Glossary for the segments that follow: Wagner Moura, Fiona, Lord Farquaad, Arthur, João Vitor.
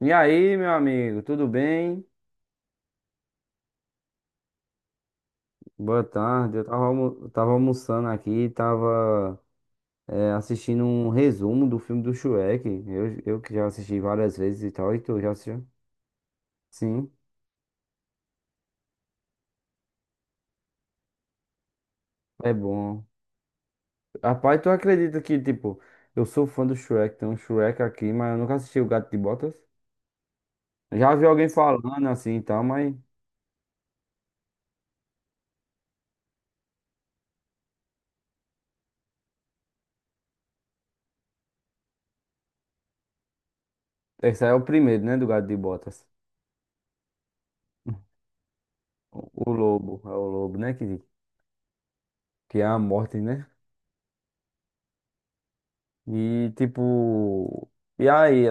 E aí, meu amigo, tudo bem? Boa tarde. Eu tava, eu tava almoçando aqui, tava assistindo um resumo do filme do Shrek. Eu que já assisti várias vezes e tal, e tu já assistiu? Sim, é bom. Rapaz, tu acredita que, tipo, eu sou fã do Shrek, tem um Shrek aqui, mas eu nunca assisti o Gato de Botas. Já vi alguém falando assim e tal, mas esse aí é o primeiro, né, do Gato de Botas. O o lobo, é o lobo, né, que é a morte, né? E, tipo... E aí?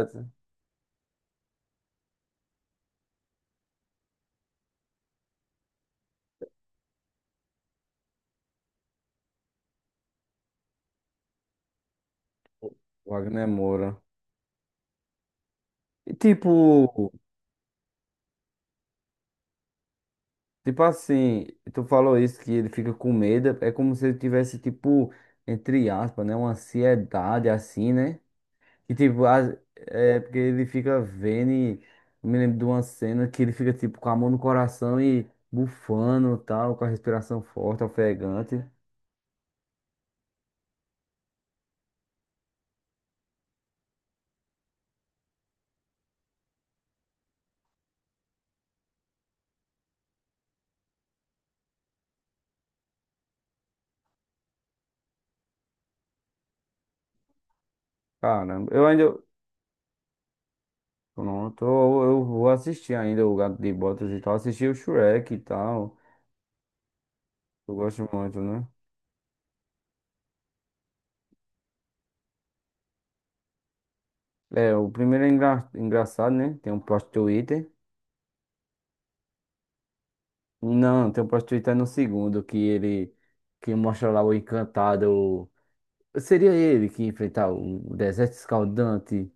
Wagner Moura. E tipo, tipo assim, tu falou isso que ele fica com medo, é como se ele tivesse, tipo, entre aspas, né? Uma ansiedade assim, né? E tipo, as- é porque ele fica vendo e eu me lembro de uma cena que ele fica, tipo, com a mão no coração e bufando tal, com a respiração forte, ofegante. Caramba, eu ainda. Pronto, eu vou assistir ainda o Gato de Botas e tal, assistir o Shrek e tal. Eu gosto muito, né? É, o primeiro é engraçado, né? Tem um plot Twitter. Não, tem um plot Twitter no segundo, que ele que mostra lá o encantado. Seria ele que ia enfrentar o deserto escaldante,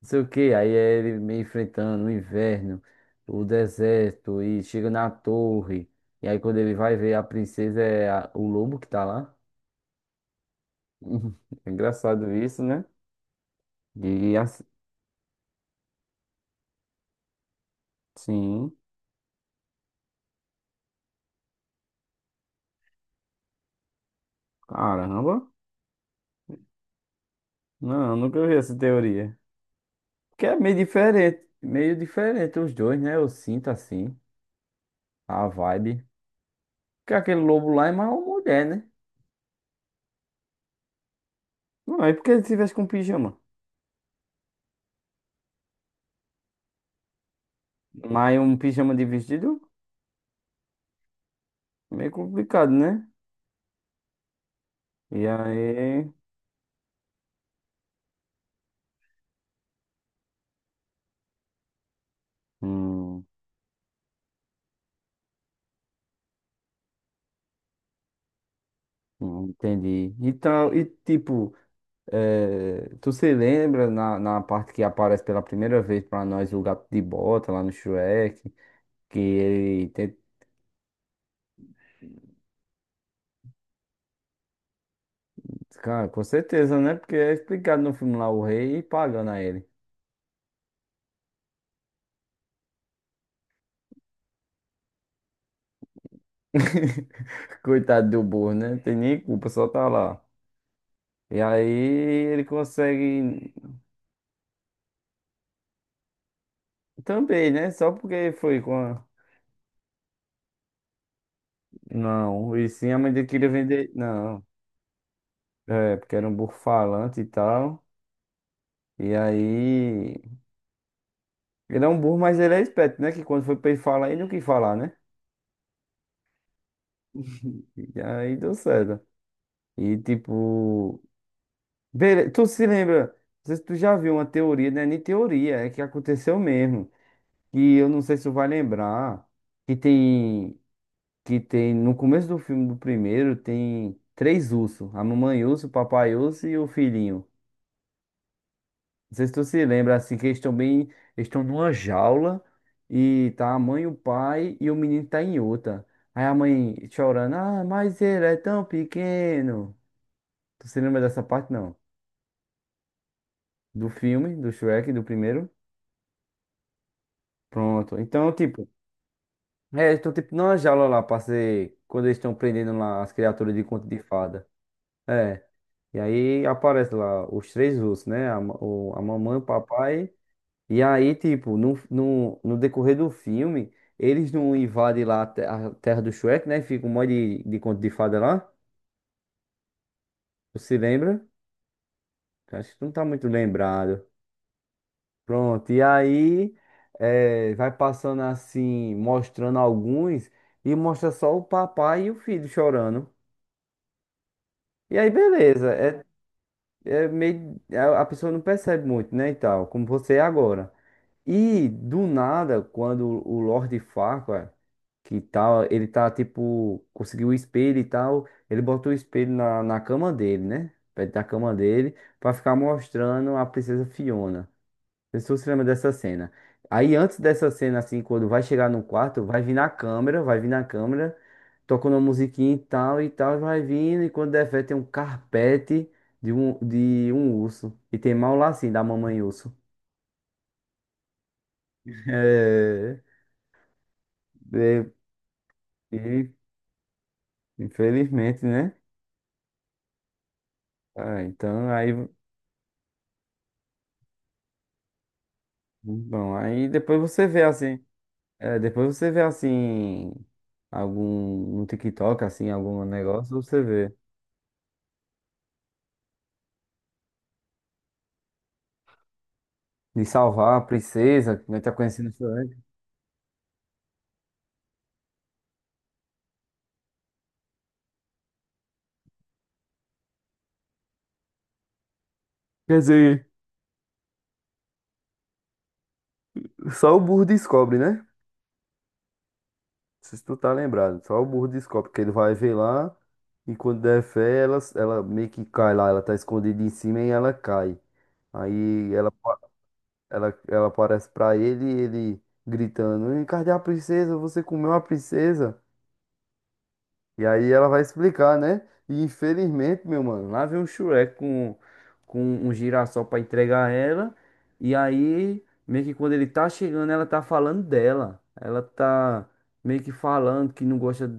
não sei o que. Aí é ele meio enfrentando o inverno, o deserto, e chega na torre. E aí quando ele vai ver a princesa é o lobo que tá lá. É engraçado isso, né? E assim, caramba. Não, nunca vi essa teoria. Que é meio diferente. Meio diferente os dois, né? Eu sinto assim. A vibe. Porque aquele lobo lá é mais uma mulher, né? Não, é porque ele tivesse com pijama. Mas um pijama de vestido, meio complicado, né? E aí. Hum, hum, entendi. Então, e tipo, tu se lembra na, na parte que aparece pela primeira vez pra nós o gato de bota lá no Shrek? Que ele tem. Cara, com certeza, né? Porque é explicado no filme lá o rei pagando a ele. Coitado do burro, né? Tem nem culpa, só tá lá. E aí ele consegue também, né? Só porque foi com a... Não, e sim a mãe dele queria vender. Não, é, porque era um burro falante e tal. E aí. Ele é um burro, mas ele é esperto, né? Que quando foi pra ele falar, ele não quis falar, né? E aí deu certo. E tipo. Bele... Tu se lembra? Não sei se tu já viu uma teoria, né? Nem teoria, é que aconteceu mesmo. E eu não sei se tu vai lembrar, que tem, que tem, no começo do filme do primeiro, tem três ursos, a mamãe urso, o papai urso e o filhinho. Não sei se tu se lembra, assim, que eles estão bem, eles estão numa jaula e tá a mãe, o pai e o menino tá em outra. Aí a mãe chorando, ah, mas ele é tão pequeno. Tu se lembra dessa parte, não? Do filme, do Shrek, do primeiro? Pronto. Então, tipo, é, eles estão tipo numa jaula lá pra ser. Quando eles estão prendendo lá as criaturas de conto de fada. É. E aí aparece lá os três ursos, né? A, a mamãe, o papai. E aí, tipo, no decorrer do filme, eles não invadem lá a terra do Shrek, né? Fica um monte de conto de fada lá. Você se lembra? Acho que tu não tá muito lembrado. Pronto. E aí, é, vai passando assim, mostrando alguns. E mostra só o papai e o filho chorando. E aí, beleza. É, é meio, a pessoa não percebe muito, né? E tal, como você é agora. E do nada, quando o Lord Farquaad, que tal, ele tá tipo, conseguiu o espelho e tal, ele botou o espelho na, na cama dele, né? Perto da cama dele, pra ficar mostrando a princesa Fiona. Não sei se você lembra dessa cena. Aí antes dessa cena, assim, quando vai chegar no quarto, vai vir na câmera, tocando uma musiquinha e tal e tal, e vai vindo, e quando der fé tem um carpete de um urso. E tem mal lá assim da mamãe urso. É, é, e, infelizmente, né? Ah, então aí. Bom, aí depois você vê assim. É, depois você vê assim. Algum no TikTok, assim, algum negócio, você vê. De salvar a princesa, que nós tá conhecendo isso antes. Quer dizer, só o burro descobre, né? Não sei se tu tá lembrado. Só o burro descobre, que ele vai ver lá e quando der fé, ela meio que cai lá. Ela tá escondida em cima e ela cai. Aí ela, ela aparece pra ele e ele gritando: Cadê a princesa? Você comeu a princesa? E aí ela vai explicar, né? E infelizmente, meu mano, lá vem o Shrek com um girassol pra entregar a ela. E aí, meio que quando ele tá chegando, ela tá falando dela. Ela tá meio que falando que não gosta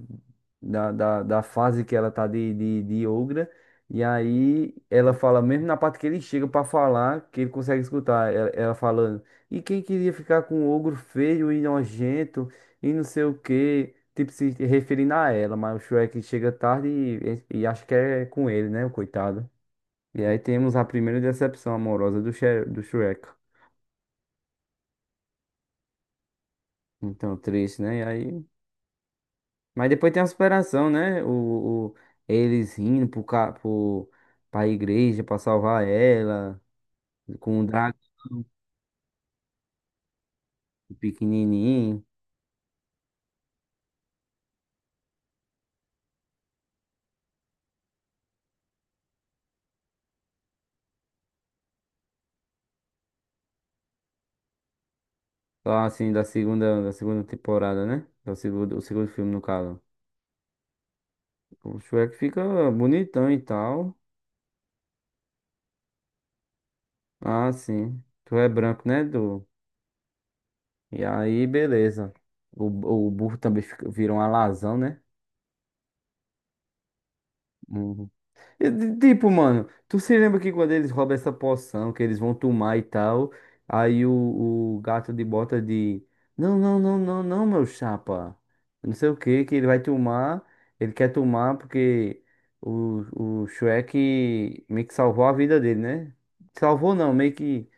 da fase que ela tá de ogra. E aí ela fala, mesmo na parte que ele chega pra falar, que ele consegue escutar ela, ela falando. E quem queria ficar com um ogro feio e nojento? E não sei o quê. Tipo, se referindo a ela, mas o Shrek chega tarde e acho que é com ele, né, o coitado. E aí temos a primeira decepção amorosa do Shrek. Então, triste, né? E aí... Mas depois tem a superação, né? Eles indo pro, pra igreja pra salvar ela, com o dragão pequenininho. Lá, assim, da segunda temporada, né? Do segundo, o segundo filme, no caso. O Shrek fica bonitão e tal. Ah, sim. Tu é branco, né, Du? E aí, beleza. O, o burro também vira um alazão, né? Uhum. E, tipo, mano, tu se lembra que quando eles roubam essa poção, que eles vão tomar e tal, aí o gato de bota de. Não, não, não, não, não, meu chapa. Não sei o que, que ele vai tomar. Ele quer tomar porque o Shrek meio que salvou a vida dele, né? Salvou não, meio que.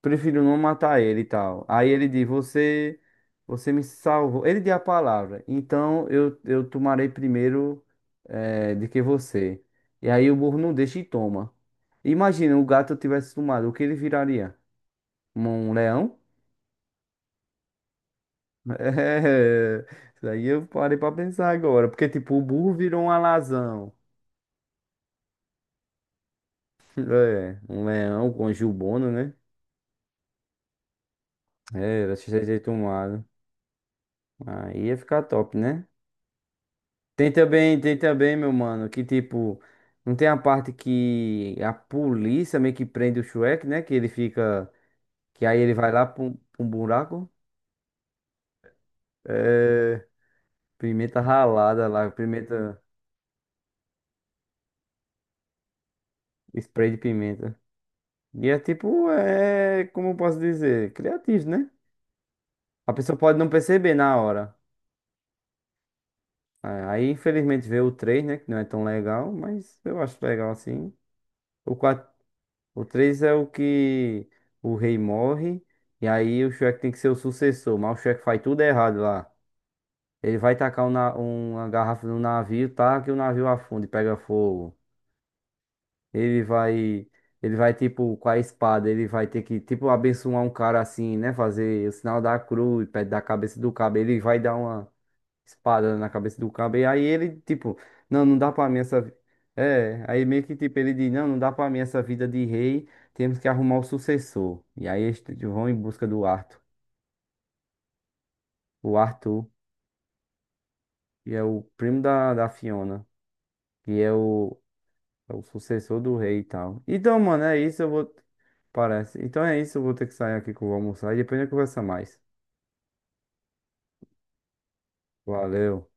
Prefiro não matar ele e tal. Aí ele diz: Você, você me salvou. Ele diz a palavra. Então eu tomarei primeiro de que você. E aí o burro não deixa e toma. Imagina o gato tivesse tomado, o que ele viraria? Um leão? É, isso aí eu parei pra pensar agora. Porque, tipo, o burro virou um alazão. É, um leão com um jubona, né? É, era cheio de tomado. Aí ia ficar top, né? Tem também, meu mano, que tipo, não tem a parte que a polícia meio que prende o Shrek, né? Que ele fica, que aí ele vai lá pra um buraco, é, pimenta ralada lá, pimenta, spray de pimenta. E é tipo, é, como eu posso dizer, criativo, né? A pessoa pode não perceber na hora. É, aí, infelizmente, vê o 3, né? Que não é tão legal, mas eu acho legal assim. O 4. O 3 é o que o rei morre. E aí o Shrek tem que ser o sucessor. Mas o Shrek faz tudo errado lá. Ele vai tacar uma garrafa no navio, tá? Que o navio afunda e pega fogo. Ele vai. Ele vai, tipo, com a espada, ele vai ter que, tipo, abençoar um cara assim, né? Fazer o sinal da cruz, perto da cabeça do cabo. Ele vai dar uma espada na cabeça do cabo. E aí ele, tipo, não, não dá pra mim essa. Vi-" É, aí meio que tipo, ele diz, não, não dá pra mim essa vida de rei, temos que arrumar o sucessor. E aí vão em busca do Arthur. O Arthur, que é o primo da, da Fiona, que é o, é o sucessor do rei e tal. Então, mano, é isso, eu vou. Parece. Então é isso, eu vou ter que sair aqui que eu vou almoçar e depois a gente conversa mais. Valeu.